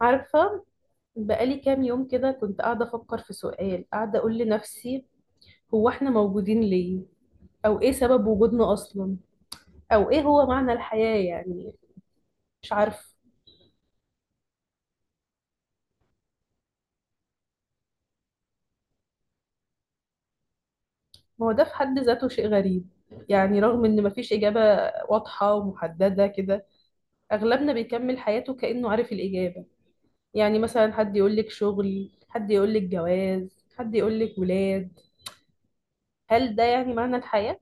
عارفة، بقالي كام يوم كده كنت قاعدة أفكر في سؤال، قاعدة أقول لنفسي: هو إحنا موجودين ليه؟ أو إيه سبب وجودنا أصلا؟ أو إيه هو معنى الحياة يعني؟ مش عارفة. ما هو ده في حد ذاته شيء غريب، يعني رغم إن مفيش إجابة واضحة ومحددة كده، أغلبنا بيكمل حياته كأنه عارف الإجابة. يعني مثلا حد يقولك شغل، حد يقولك جواز، حد يقولك ولاد. هل ده يعني معنى الحياة؟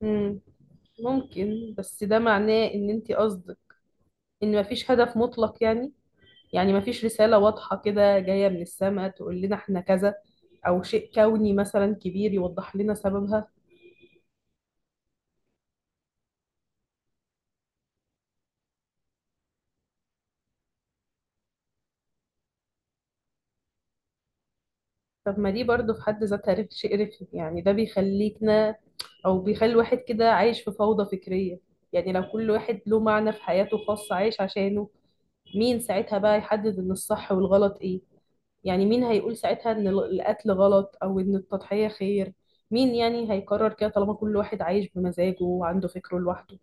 مم. ممكن، بس ده معناه إن أنت قصدك ان مفيش هدف مطلق يعني، يعني مفيش رسالة واضحة كده جاية من السماء تقول لنا احنا كذا، او شيء كوني مثلا كبير يوضح لنا سببها. طب ما دي برضو في حد ذاتها شيء رخم يعني، ده بيخليكنا او بيخلي الواحد كده عايش في فوضى فكرية. يعني لو كل واحد له معنى في حياته خاص عايش عشانه، مين ساعتها بقى يحدد ان الصح والغلط ايه؟ يعني مين هيقول ساعتها ان القتل غلط او ان التضحية خير؟ مين يعني هيقرر كده طالما كل واحد عايش بمزاجه وعنده فكره لوحده؟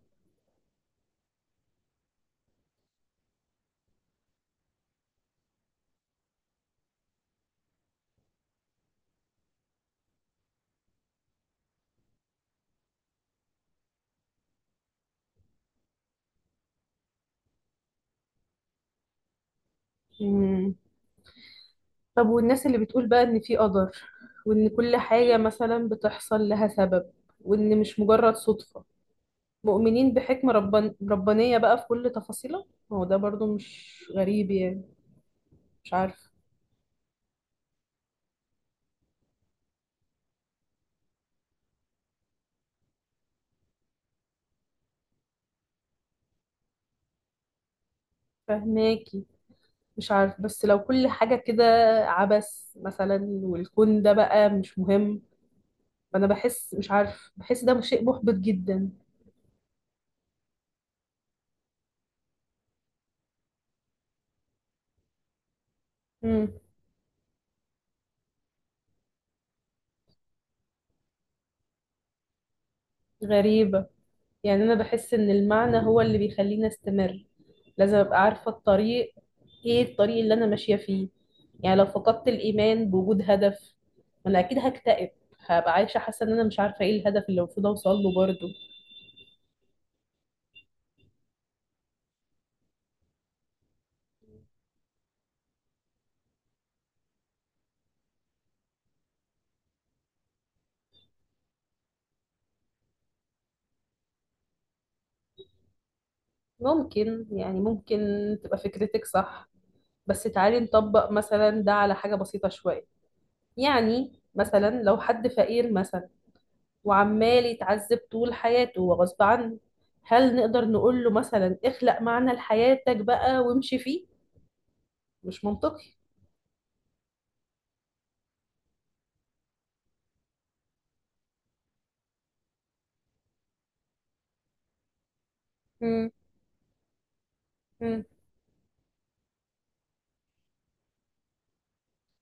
مم. طب والناس اللي بتقول بقى ان في قدر، وان كل حاجة مثلا بتحصل لها سبب، وان مش مجرد صدفة، مؤمنين بحكمة ربانية بقى في كل تفاصيلها، ما هو ده برضو مش غريب يعني؟ مش عارفه. فهماكي. مش عارف، بس لو كل حاجة كده عبث مثلا والكون ده بقى مش مهم، فأنا بحس، مش عارف، بحس ده شيء محبط جدا. مم. غريبة. يعني أنا بحس إن المعنى هو اللي بيخليني أستمر، لازم أبقى عارفة الطريق، إيه الطريق اللي أنا ماشية فيه. يعني لو فقدت الإيمان بوجود هدف، ما أنا أكيد هكتئب، هبقى عايشة حاسة إن أنا مش عارفة إيه الهدف اللي المفروض أوصل له برضه. ممكن يعني، ممكن تبقى فكرتك صح، بس تعالي نطبق مثلا ده على حاجة بسيطة شوية. يعني مثلا لو حد فقير مثلا، وعمال يتعذب طول حياته وغصب عنه، هل نقدر نقول له مثلا اخلق معنى لحياتك بقى وامشي فيه؟ مش منطقي. مم. مم.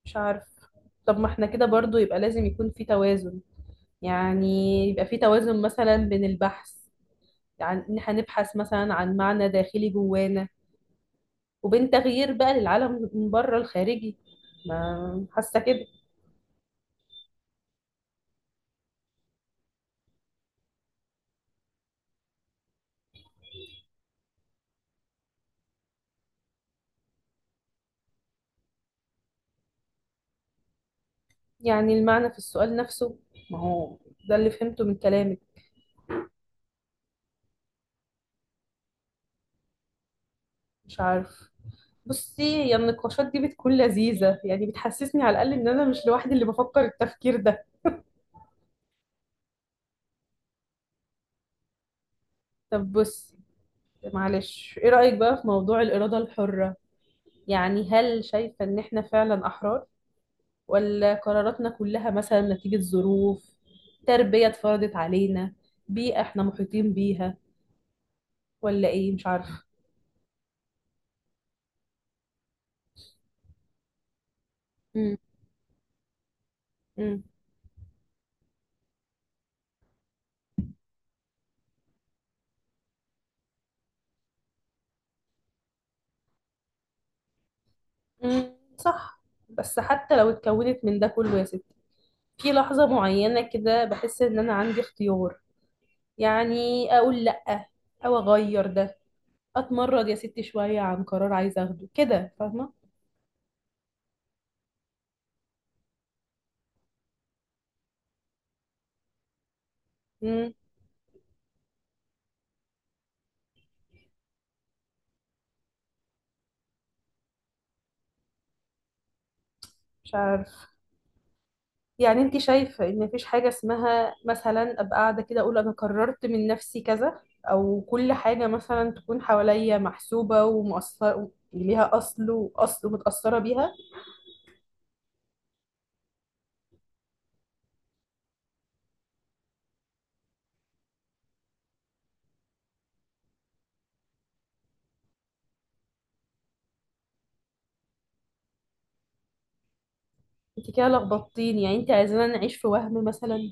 مش عارف. طب ما احنا كده برضو يبقى لازم يكون في توازن، يعني يبقى في توازن مثلا بين البحث، يعني ان احنا نبحث مثلا عن معنى داخلي جوانا، وبين تغيير بقى للعالم من بره الخارجي. ما حاسة كده. يعني المعنى في السؤال نفسه، ما هو ده اللي فهمته من كلامك. مش عارف. بصي، هي النقاشات دي بتكون لذيذة، يعني بتحسسني على الأقل إن أنا مش لوحدي اللي بفكر التفكير ده. طب بصي، معلش، إيه رأيك بقى في موضوع الإرادة الحرة؟ يعني هل شايفة إن إحنا فعلا أحرار، ولا قراراتنا كلها مثلا نتيجة ظروف، تربية اتفرضت علينا، بيئة إحنا محيطين بيها، ولا إيه؟ مش عارفة. مم. مم. مم. صح. بس حتى لو اتكونت من ده كله يا ستي، في لحظة معينة كده بحس ان انا عندي اختيار، يعني اقول لأ، او اغير ده، اتمرد يا ستي شوية عن قرار عايزة اخده كده، فاهمة؟ مم، مش عارف. يعني انت شايفة ان مفيش حاجة اسمها مثلا ابقى قاعدة كده اقول انا قررت من نفسي كذا؟ او كل حاجة مثلا تكون حواليا محسوبة ومؤثرة، ليها اصل واصل ومتأثرة بيها؟ انت كده لخبطتيني، يعني انت عايزانا نعيش في وهم مثلا؟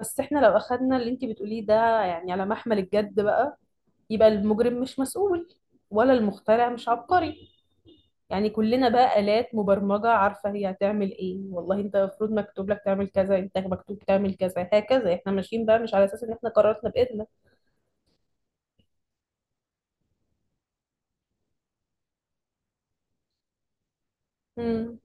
بس احنا لو اخدنا اللي انتي بتقوليه ده يعني على محمل الجد بقى، يبقى المجرم مش مسؤول، ولا المخترع مش عبقري. يعني كلنا بقى آلات مبرمجة عارفة هي هتعمل ايه، والله انت المفروض مكتوب لك تعمل كذا، انت مكتوب تعمل كذا، هكذا احنا ماشيين بقى مش على اساس ان احنا قررنا بإيدنا. امم.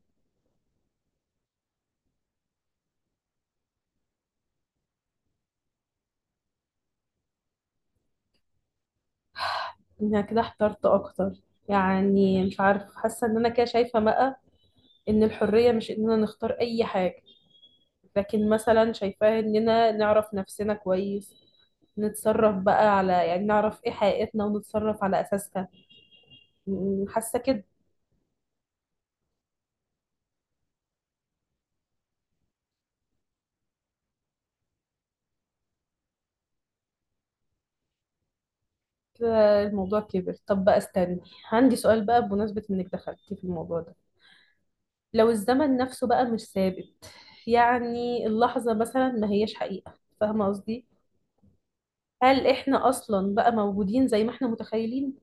انا كده احترت اكتر، يعني مش عارف. حاسة ان انا كده شايفة بقى ان الحرية مش اننا نختار اي حاجة، لكن مثلا شايفاها اننا نعرف نفسنا كويس، نتصرف بقى على، يعني نعرف ايه حقيقتنا ونتصرف على اساسها. حاسه كده. آه، الموضوع كبر. طب بقى استني، عندي سؤال بقى بمناسبه انك دخلتي في الموضوع ده. لو الزمن نفسه بقى مش ثابت، يعني اللحظه مثلا ما هياش حقيقه، فاهمه قصدي؟ هل احنا اصلا بقى موجودين زي ما احنا متخيلين؟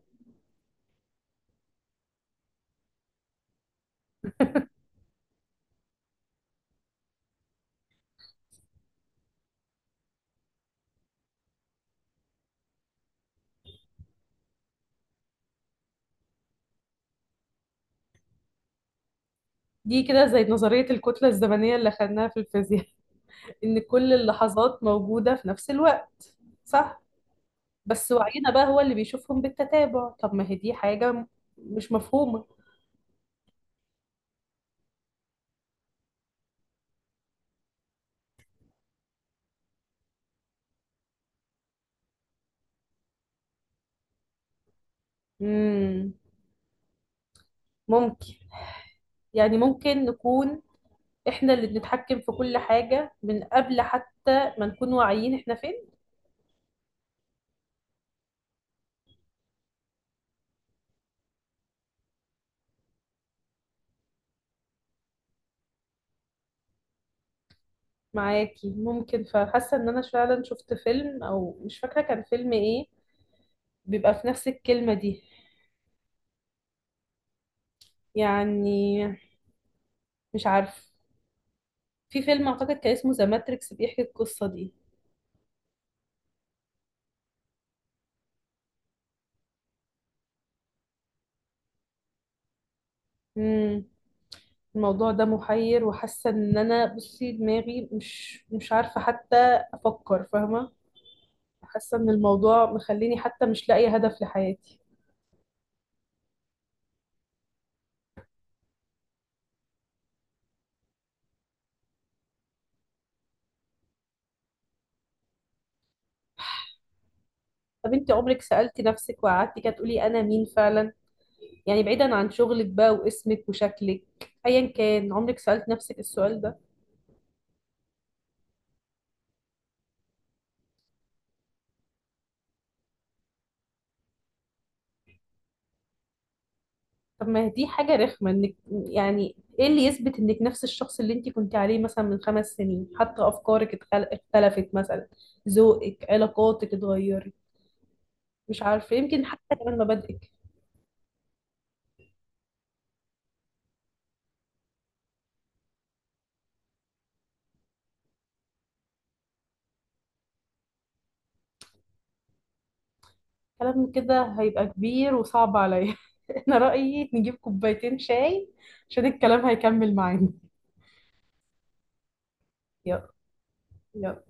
دي كده زي نظريه الكتله الزمنيه اللي خدناها في الفيزياء ان كل اللحظات موجوده في نفس الوقت. صح. بس وعينا بقى هو اللي بيشوفهم بالتتابع. طب ما هي دي حاجة مش مفهومة. مم. ممكن. يعني ممكن نكون احنا اللي بنتحكم في كل حاجة من قبل حتى ما نكون واعيين احنا فين. معاكي، ممكن. فحاسة ان انا فعلا شفت فيلم، او مش فاكرة كان فيلم ايه، بيبقى في نفس الكلمة دي. يعني مش عارف، في فيلم اعتقد كان اسمه ذا ماتريكس بيحكي القصة دي. مم. الموضوع ده محير، وحاسه ان انا، بصي، دماغي مش عارفه حتى افكر، فاهمه؟ حاسه ان الموضوع مخليني حتى مش لاقيه هدف لحياتي. طب انت عمرك سالتي نفسك وقعدتي كده تقولي انا مين فعلا؟ يعني بعيدا عن شغلك بقى واسمك وشكلك، ايا كان، عمرك سالت نفسك السؤال ده؟ طب ما دي حاجه رخمه، انك، يعني ايه اللي يثبت انك نفس الشخص اللي انت كنت عليه مثلا من 5 سنين؟ حتى افكارك اختلفت مثلا، ذوقك، علاقاتك اتغيرت، مش عارفة، يمكن حتى كمان مبادئك. كلام كده هيبقى كبير وصعب عليا أنا رأيي نجيب كوبايتين شاي عشان الكلام هيكمل معانا. يلا. يلا.